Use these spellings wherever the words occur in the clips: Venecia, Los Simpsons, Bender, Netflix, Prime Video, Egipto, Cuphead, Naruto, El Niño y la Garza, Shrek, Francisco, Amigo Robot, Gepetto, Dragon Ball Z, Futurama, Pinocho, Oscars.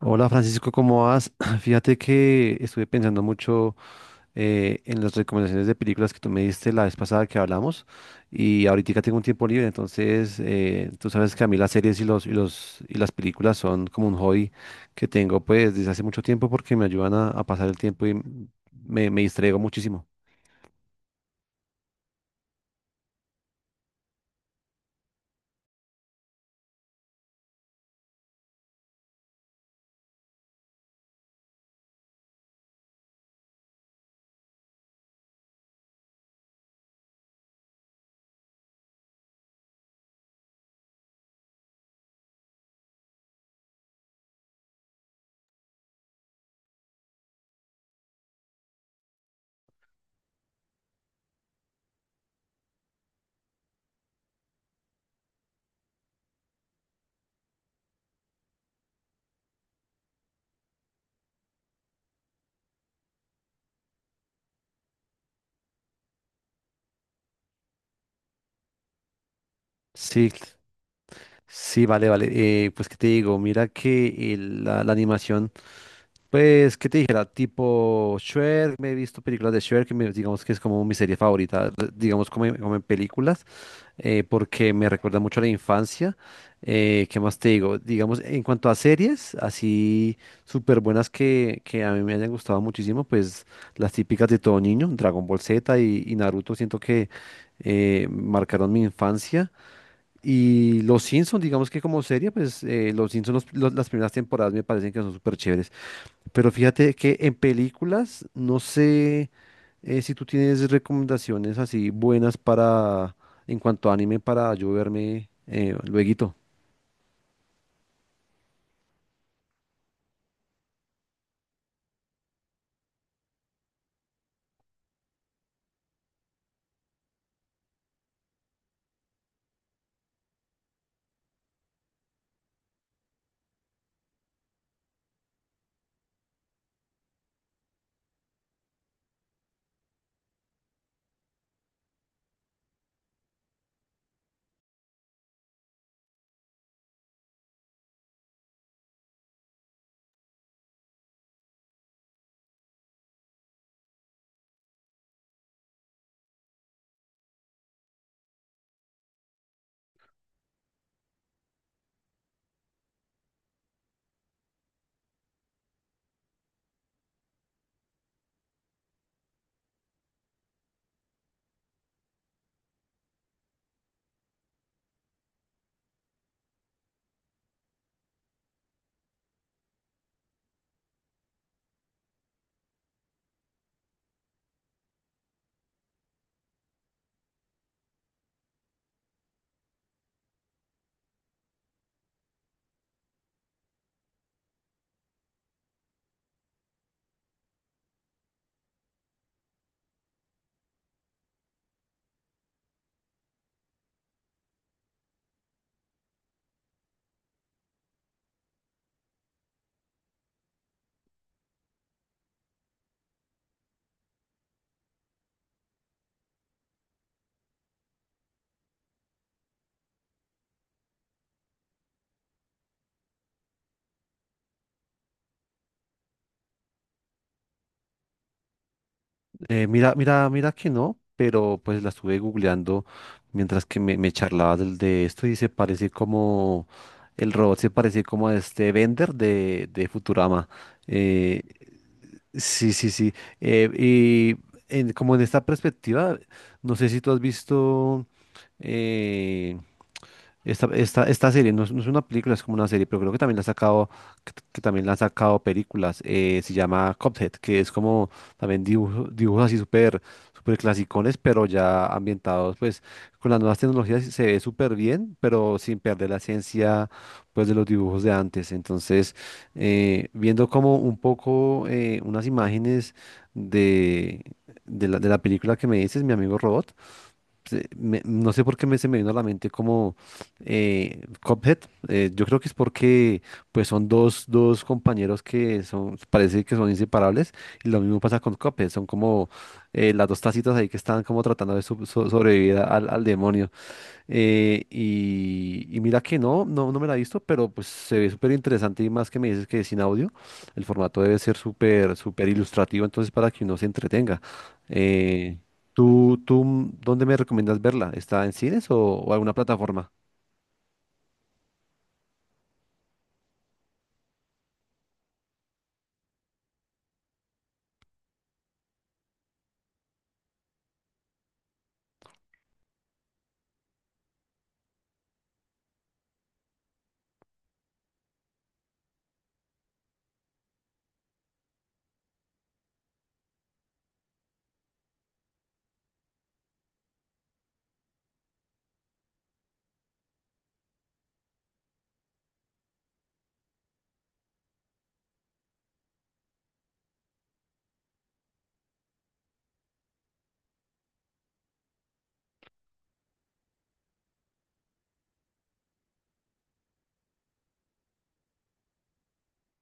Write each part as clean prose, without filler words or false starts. Hola Francisco, ¿cómo vas? Fíjate que estuve pensando mucho en las recomendaciones de películas que tú me diste la vez pasada que hablamos y ahorita tengo un tiempo libre, entonces tú sabes que a mí las series y las películas son como un hobby que tengo pues desde hace mucho tiempo porque me ayudan a pasar el tiempo y me distraigo muchísimo. Sí, sí, vale, vale. Pues, ¿qué te digo? Mira que la animación, pues, ¿qué te dijera? Tipo Shrek, me he visto películas de Shrek, que digamos que es como mi serie favorita, digamos como, como en películas, porque me recuerda mucho a la infancia. ¿Qué más te digo? Digamos, en cuanto a series, así súper buenas que a mí me hayan gustado muchísimo, pues las típicas de todo niño, Dragon Ball Z y Naruto, siento que marcaron mi infancia. Y Los Simpsons, digamos que como serie, pues Los Simpsons, las primeras temporadas me parecen que son súper chéveres. Pero fíjate que en películas, no sé, si tú tienes recomendaciones así buenas para, en cuanto a anime, para yo verme lueguito. Mira, que no, pero pues la estuve googleando mientras que me charlaba de esto y se parece como, el robot se parece como a este Bender de Futurama. Eh, Sí, sí, sí. Y como en esta perspectiva, no sé si tú has visto eh, esta serie. No es, no es una película, es como una serie, pero creo que también la ha sacado, que también la han sacado películas. Se llama Cuphead, que es como también dibujos así súper súper clasicones, pero ya ambientados, pues con las nuevas tecnologías se ve súper bien, pero sin perder la esencia, pues de los dibujos de antes. Entonces, viendo como un poco unas imágenes de, de de la película que me dices, mi amigo Robot, no sé por qué se me vino a la mente como Cuphead. Yo creo que es porque pues son dos compañeros que son, parece que son inseparables y lo mismo pasa con Cuphead. Son como las dos tacitas ahí que están como tratando de sobrevivir al demonio. Y mira que no me la he visto, pero pues se ve súper interesante y más que me dices que es sin audio, el formato debe ser súper, súper ilustrativo, entonces para que uno se entretenga. Eh, dónde me recomiendas verla? ¿Está en cines o alguna plataforma?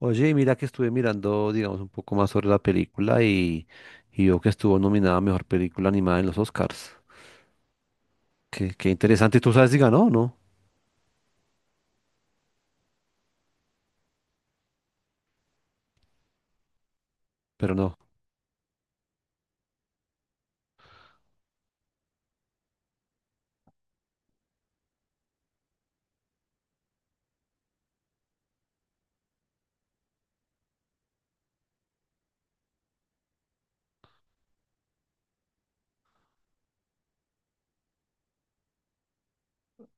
Oye, y mira que estuve mirando, digamos, un poco más sobre la película, y veo que estuvo nominada a Mejor Película Animada en los Oscars. Qué, qué interesante, ¿tú sabes si ganó o no? Pero no.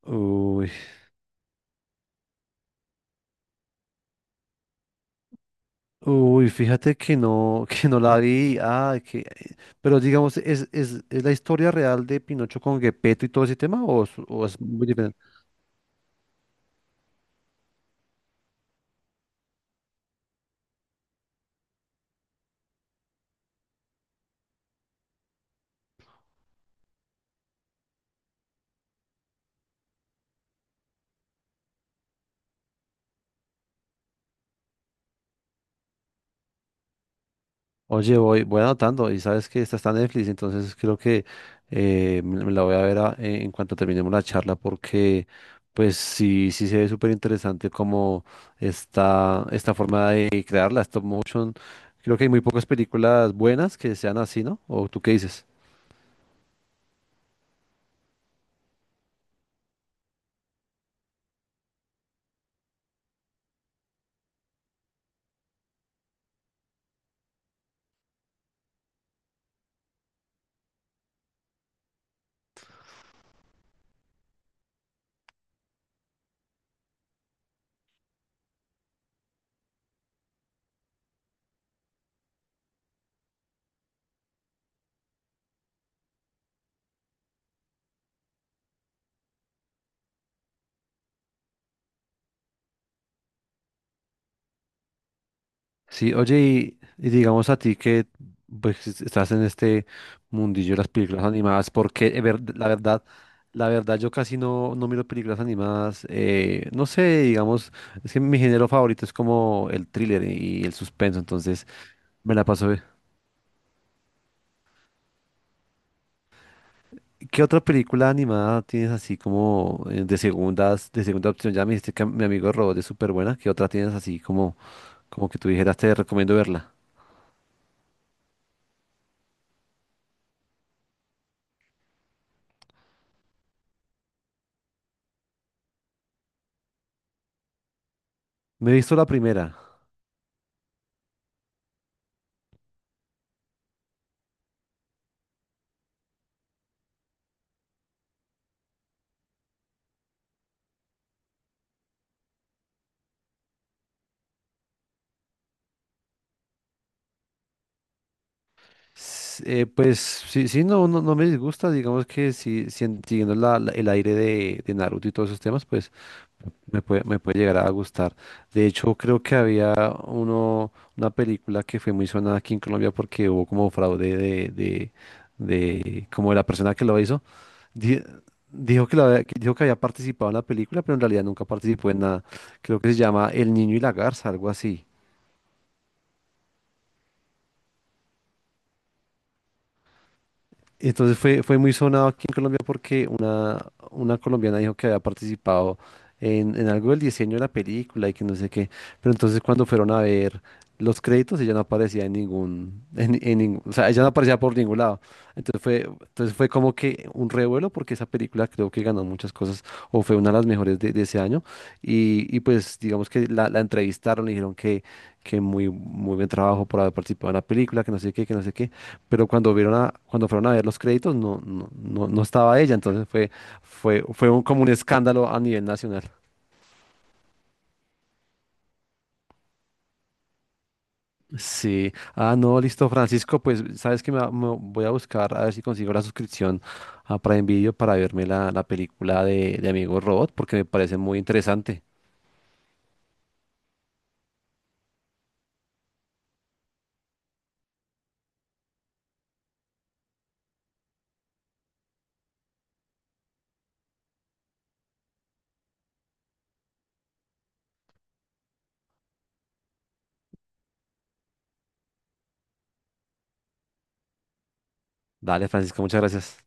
Uy. Uy, fíjate que no, que no la vi. Ah, que, pero digamos, ¿es, es la historia real de Pinocho con Gepetto y todo ese tema? ¿O es o es muy diferente? Oye, voy, voy anotando y sabes que esta está en Netflix, entonces creo que me la voy a ver en cuanto terminemos la charla, porque pues sí, sí se ve súper interesante como esta forma de crear la stop motion. Creo que hay muy pocas películas buenas que sean así, ¿no? ¿O tú qué dices? Sí, oye, y digamos a ti que pues estás en este mundillo de las películas animadas, porque la verdad yo casi no miro películas animadas. Eh, no sé, digamos, es que mi género favorito es como el thriller y el suspenso, entonces me la paso ¿Qué otra película animada tienes así como, de segundas, de segunda opción? Ya me dijiste que mi amigo Robot es súper buena, ¿qué otra tienes así como, como que tú dijeras te recomiendo verla? Me he visto la primera. Pues sí, sí, no, no, no me disgusta, digamos que si, si siguiendo el aire de Naruto y todos esos temas, pues me puede llegar a gustar. De hecho, creo que había uno, una película que fue muy sonada aquí en Colombia porque hubo como fraude de, como, de la persona que lo hizo. Di- dijo que dijo que había participado en la película, pero en realidad nunca participó en nada. Creo que se llama El Niño y la Garza, algo así. Fue muy sonado aquí en Colombia porque una colombiana dijo que había participado en algo del diseño de la película y que no sé qué. Pero entonces cuando fueron a ver los créditos, ella no aparecía en ningún- o sea, ella no aparecía por ningún lado. Entonces fue, entonces fue como que un revuelo porque esa película creo que ganó muchas cosas o fue una de las mejores de ese año. Y pues digamos que la entrevistaron, le dijeron que muy, muy buen trabajo por haber participado en la película, que no sé qué, que no sé qué, pero cuando vieron a, cuando fueron a ver los créditos no, no estaba ella. Fue un- como un escándalo a nivel nacional. Sí, ah, no, listo, Francisco, pues sabes que me voy a buscar a ver si consigo la suscripción a Prime Video para verme la película de Amigo Robot, porque me parece muy interesante. Dale, Francisco, muchas gracias.